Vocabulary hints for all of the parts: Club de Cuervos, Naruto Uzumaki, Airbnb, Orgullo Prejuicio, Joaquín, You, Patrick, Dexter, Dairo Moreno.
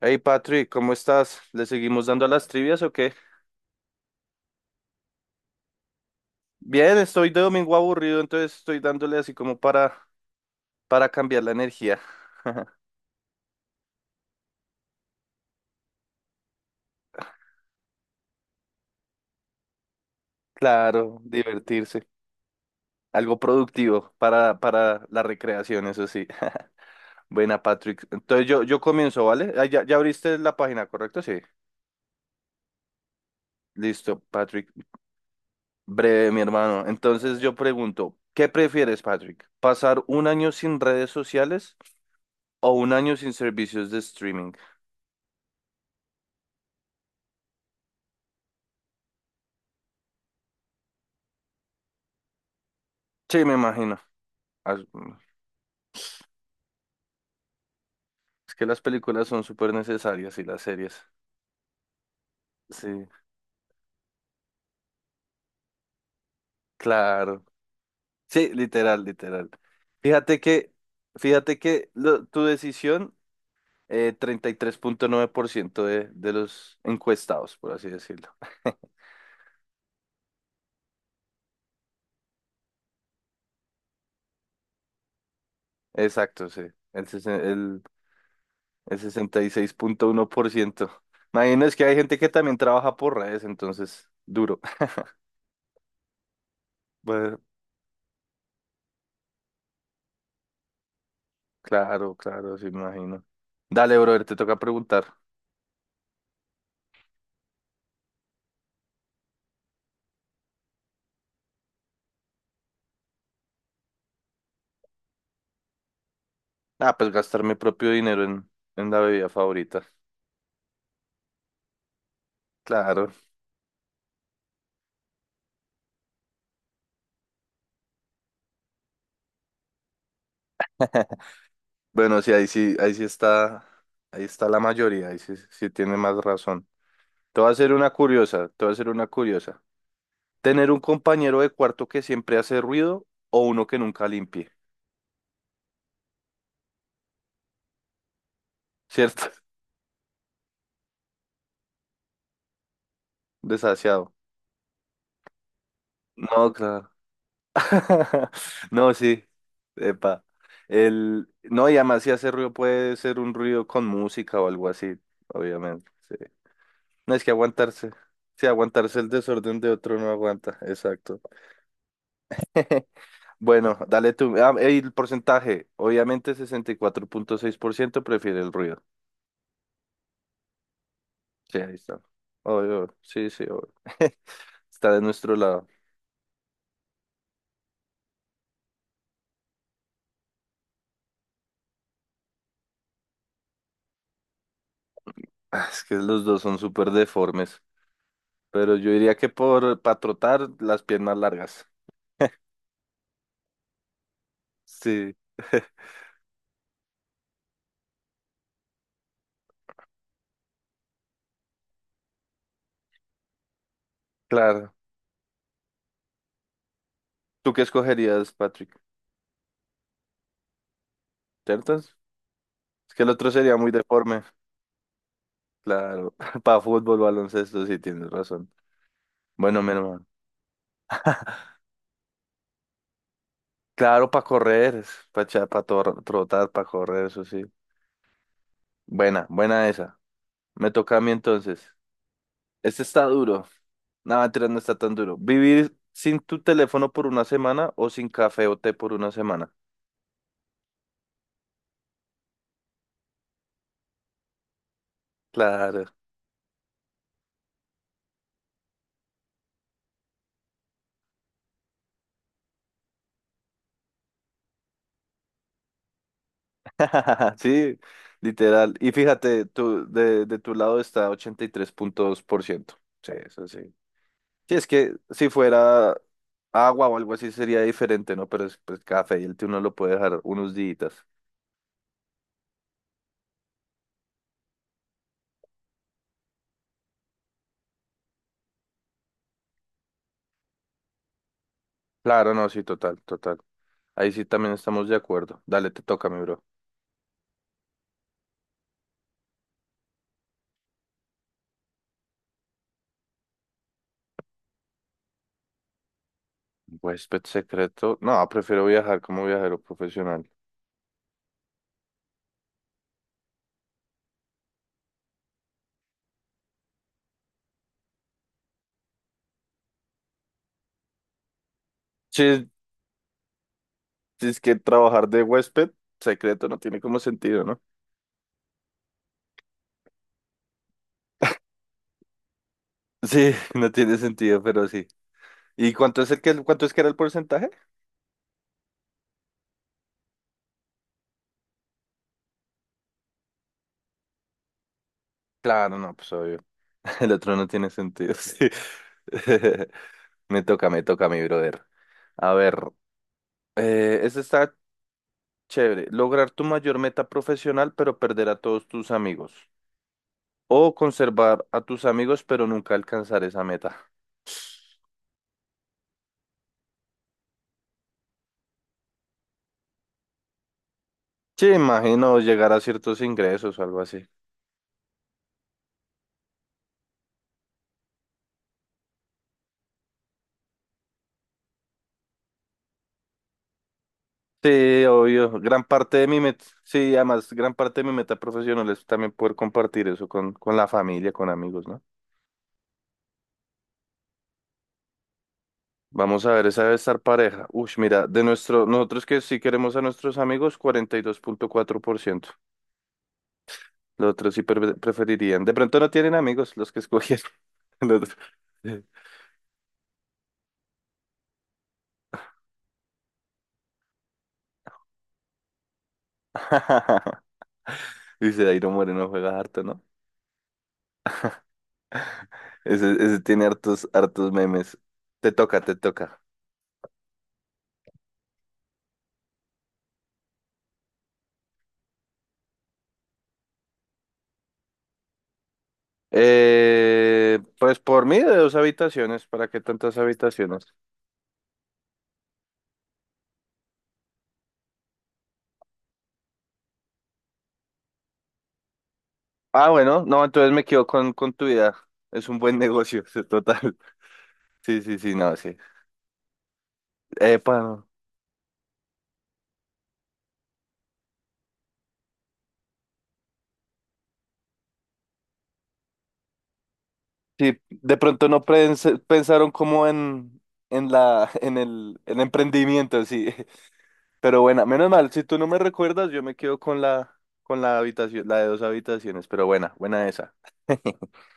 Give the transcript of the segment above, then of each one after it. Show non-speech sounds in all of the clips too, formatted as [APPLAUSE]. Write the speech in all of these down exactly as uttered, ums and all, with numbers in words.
Hey Patrick, ¿cómo estás? ¿Le seguimos dando a las trivias o qué? Bien, estoy de domingo aburrido, entonces estoy dándole así como para, para cambiar la energía. Claro, divertirse. Algo productivo para, para la recreación, eso sí. [LAUGHS] Buena, Patrick. Entonces yo, yo comienzo, ¿vale? Ah, ya, ya abriste la página, ¿correcto? Sí. Listo, Patrick. Breve, mi hermano. Entonces yo pregunto, ¿qué prefieres, Patrick? ¿Pasar un año sin redes sociales o un año sin servicios de streaming? Sí, me imagino. Es que las películas son súper necesarias y las series. Sí, claro. Sí, literal, literal. Fíjate que, fíjate que lo- tu decisión eh, treinta y tres punto nueve por ciento de, de los encuestados, por así decirlo. [LAUGHS] Exacto, sí. El, sesen- el, el sesenta y seis punto uno por ciento. Imagino es que hay gente que también trabaja por redes, entonces, duro. [LAUGHS] Bueno, claro, claro, sí, me imagino. Dale, brother, te toca preguntar. Ah, pues gastar mi propio dinero en, en la bebida favorita. Claro. [LAUGHS] Bueno, sí, ahí sí, ahí sí está, ahí está la mayoría, ahí sí, sí tiene más razón. Te voy a hacer una curiosa, te voy a hacer una curiosa. Tener un compañero de cuarto que siempre hace ruido o uno que nunca limpie, ¿cierto? [LAUGHS] Desasiado. No, claro. [LAUGHS] No, sí. Epa. El... No, y además si hace ruido puede ser un ruido con música o algo así, obviamente. Sí. No es que aguantarse. Sí, aguantarse el desorden de otro no aguanta. Exacto. [LAUGHS] Bueno, dale tú. Ah, el porcentaje. Obviamente sesenta y cuatro punto seis por ciento prefiere el ruido. Sí, ahí está. Obvio. Sí, sí, obvio. [LAUGHS] Está de nuestro lado. Ah, es que los dos son súper deformes. Pero yo diría que por para trotar las piernas largas. Sí, [LAUGHS] claro. ¿Tú qué escogerías, Patrick? ¿Cierto? Es que el otro sería muy deforme. Claro. [LAUGHS] Para fútbol, baloncesto, sí tienes razón. Bueno, mi hermano. [LAUGHS] Claro, para correr, para trotar, para correr, eso sí. Buena, buena esa. Me toca a mí entonces. Este está duro. No, mentira, no está tan duro. ¿Vivir sin tu teléfono por una semana o sin café o té por una semana? Claro. [LAUGHS] Sí, literal. Y fíjate, tú, de, de tu lado está ochenta y tres punto dos por ciento. Sí, eso sí. Sí, es que si fuera agua o algo así sería diferente, ¿no? Pero es pues, café y el té uno lo puede dejar unos días. Claro, no, sí, total, total. Ahí sí también estamos de acuerdo. Dale, te toca, mi bro. Huésped secreto. No, prefiero viajar como viajero profesional. Sí, es que trabajar de huésped secreto no tiene como sentido, ¿no? Sí, [LAUGHS] no tiene sentido, pero sí. ¿Y cuánto es el que, cuánto es que era el porcentaje? Claro, no, pues obvio. [LAUGHS] El otro no tiene sentido, sí. [LAUGHS] Me toca, me toca, mi brother. A ver, eh, este está chévere. Lograr tu mayor meta profesional, pero perder a todos tus amigos. O conservar a tus amigos pero nunca alcanzar esa meta. Sí, imagino llegar a ciertos ingresos o algo así. Sí, obvio. Gran parte de mi meta, sí, además, gran parte de mi meta profesional es también poder compartir eso con, con la familia, con amigos, ¿no? Vamos a ver, esa debe estar pareja. Uy, mira, de nuestro, nosotros que sí queremos a nuestros amigos, cuarenta y dos punto cuatro por ciento. Los otros sí pre- preferirían. De pronto no tienen amigos los que escogieron. [LAUGHS] Los otro. [LAUGHS] Dice, Dairo Moreno juega harto, ¿no? Ese, ese tiene hartos, hartos memes. Te toca, te toca. Eh, pues por mí de dos habitaciones, ¿para qué tantas habitaciones? Ah, bueno, no, entonces me quedo con, con tu idea. Es un buen negocio, [LAUGHS] total. Sí, sí, sí, no, sí. Eh, bueno, sí, de pronto no prens- pensaron como en, en la, [LAUGHS] en el, el emprendimiento, sí. [LAUGHS] Pero bueno, menos mal, si tú no me recuerdas, yo me quedo con la, con la habitación, la de dos habitaciones, pero buena, buena esa. [LAUGHS]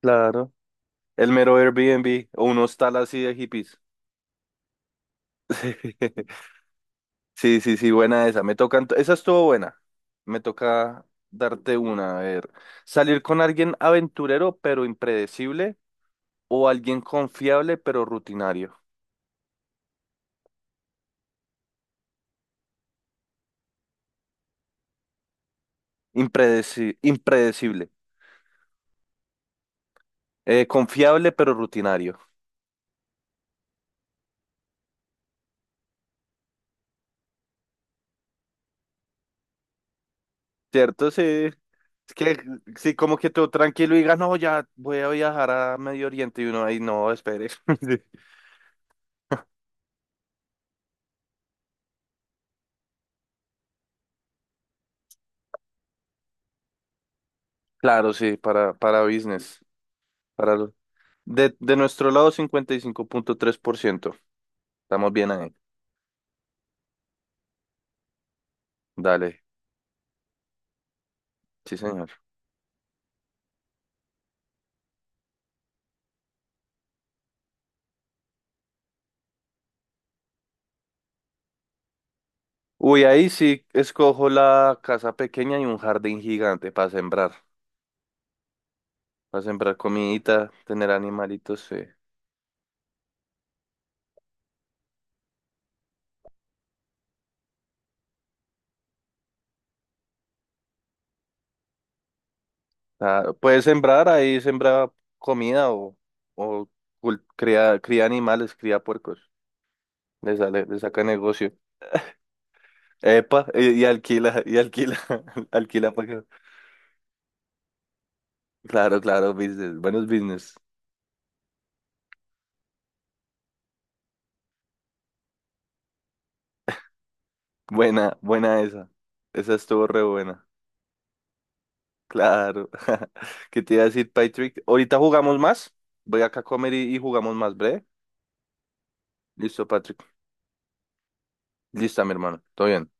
Claro. El mero Airbnb o unos tal así de hippies. [LAUGHS] Sí, sí, sí, buena esa. Me toca, ento- esa estuvo buena. Me toca darte una. A ver, salir con alguien aventurero pero impredecible o alguien confiable pero rutinario. Impredeci- impredecible. Eh, confiable pero rutinario. ¿Cierto? Sí. Es que sí, como que todo tranquilo y digas, no, ya voy a viajar a Medio Oriente y uno ahí, no, espere. [LAUGHS] Claro, sí, para, para business. Para, De, de nuestro lado, cincuenta y cinco punto tres por ciento. Estamos bien ahí. Dale, sí, señor. Uy, ahí sí escojo la casa pequeña y un jardín gigante para sembrar. Para sembrar comidita, tener animalitos. Sí. Ah, puedes sembrar ahí, sembra comida o, o cul- cría, cría animales, cría puercos. Le sale, le saca negocio. Epa, y, y alquila, y alquila, [LAUGHS] alquila para que. Claro, claro, business, buenos business. Buena, buena esa. Esa estuvo re buena. Claro. [LAUGHS] ¿Qué te iba a decir, Patrick? Ahorita jugamos más. Voy acá a comer y, y jugamos más, breve. Listo, Patrick. Listo, mi hermano. Todo bien.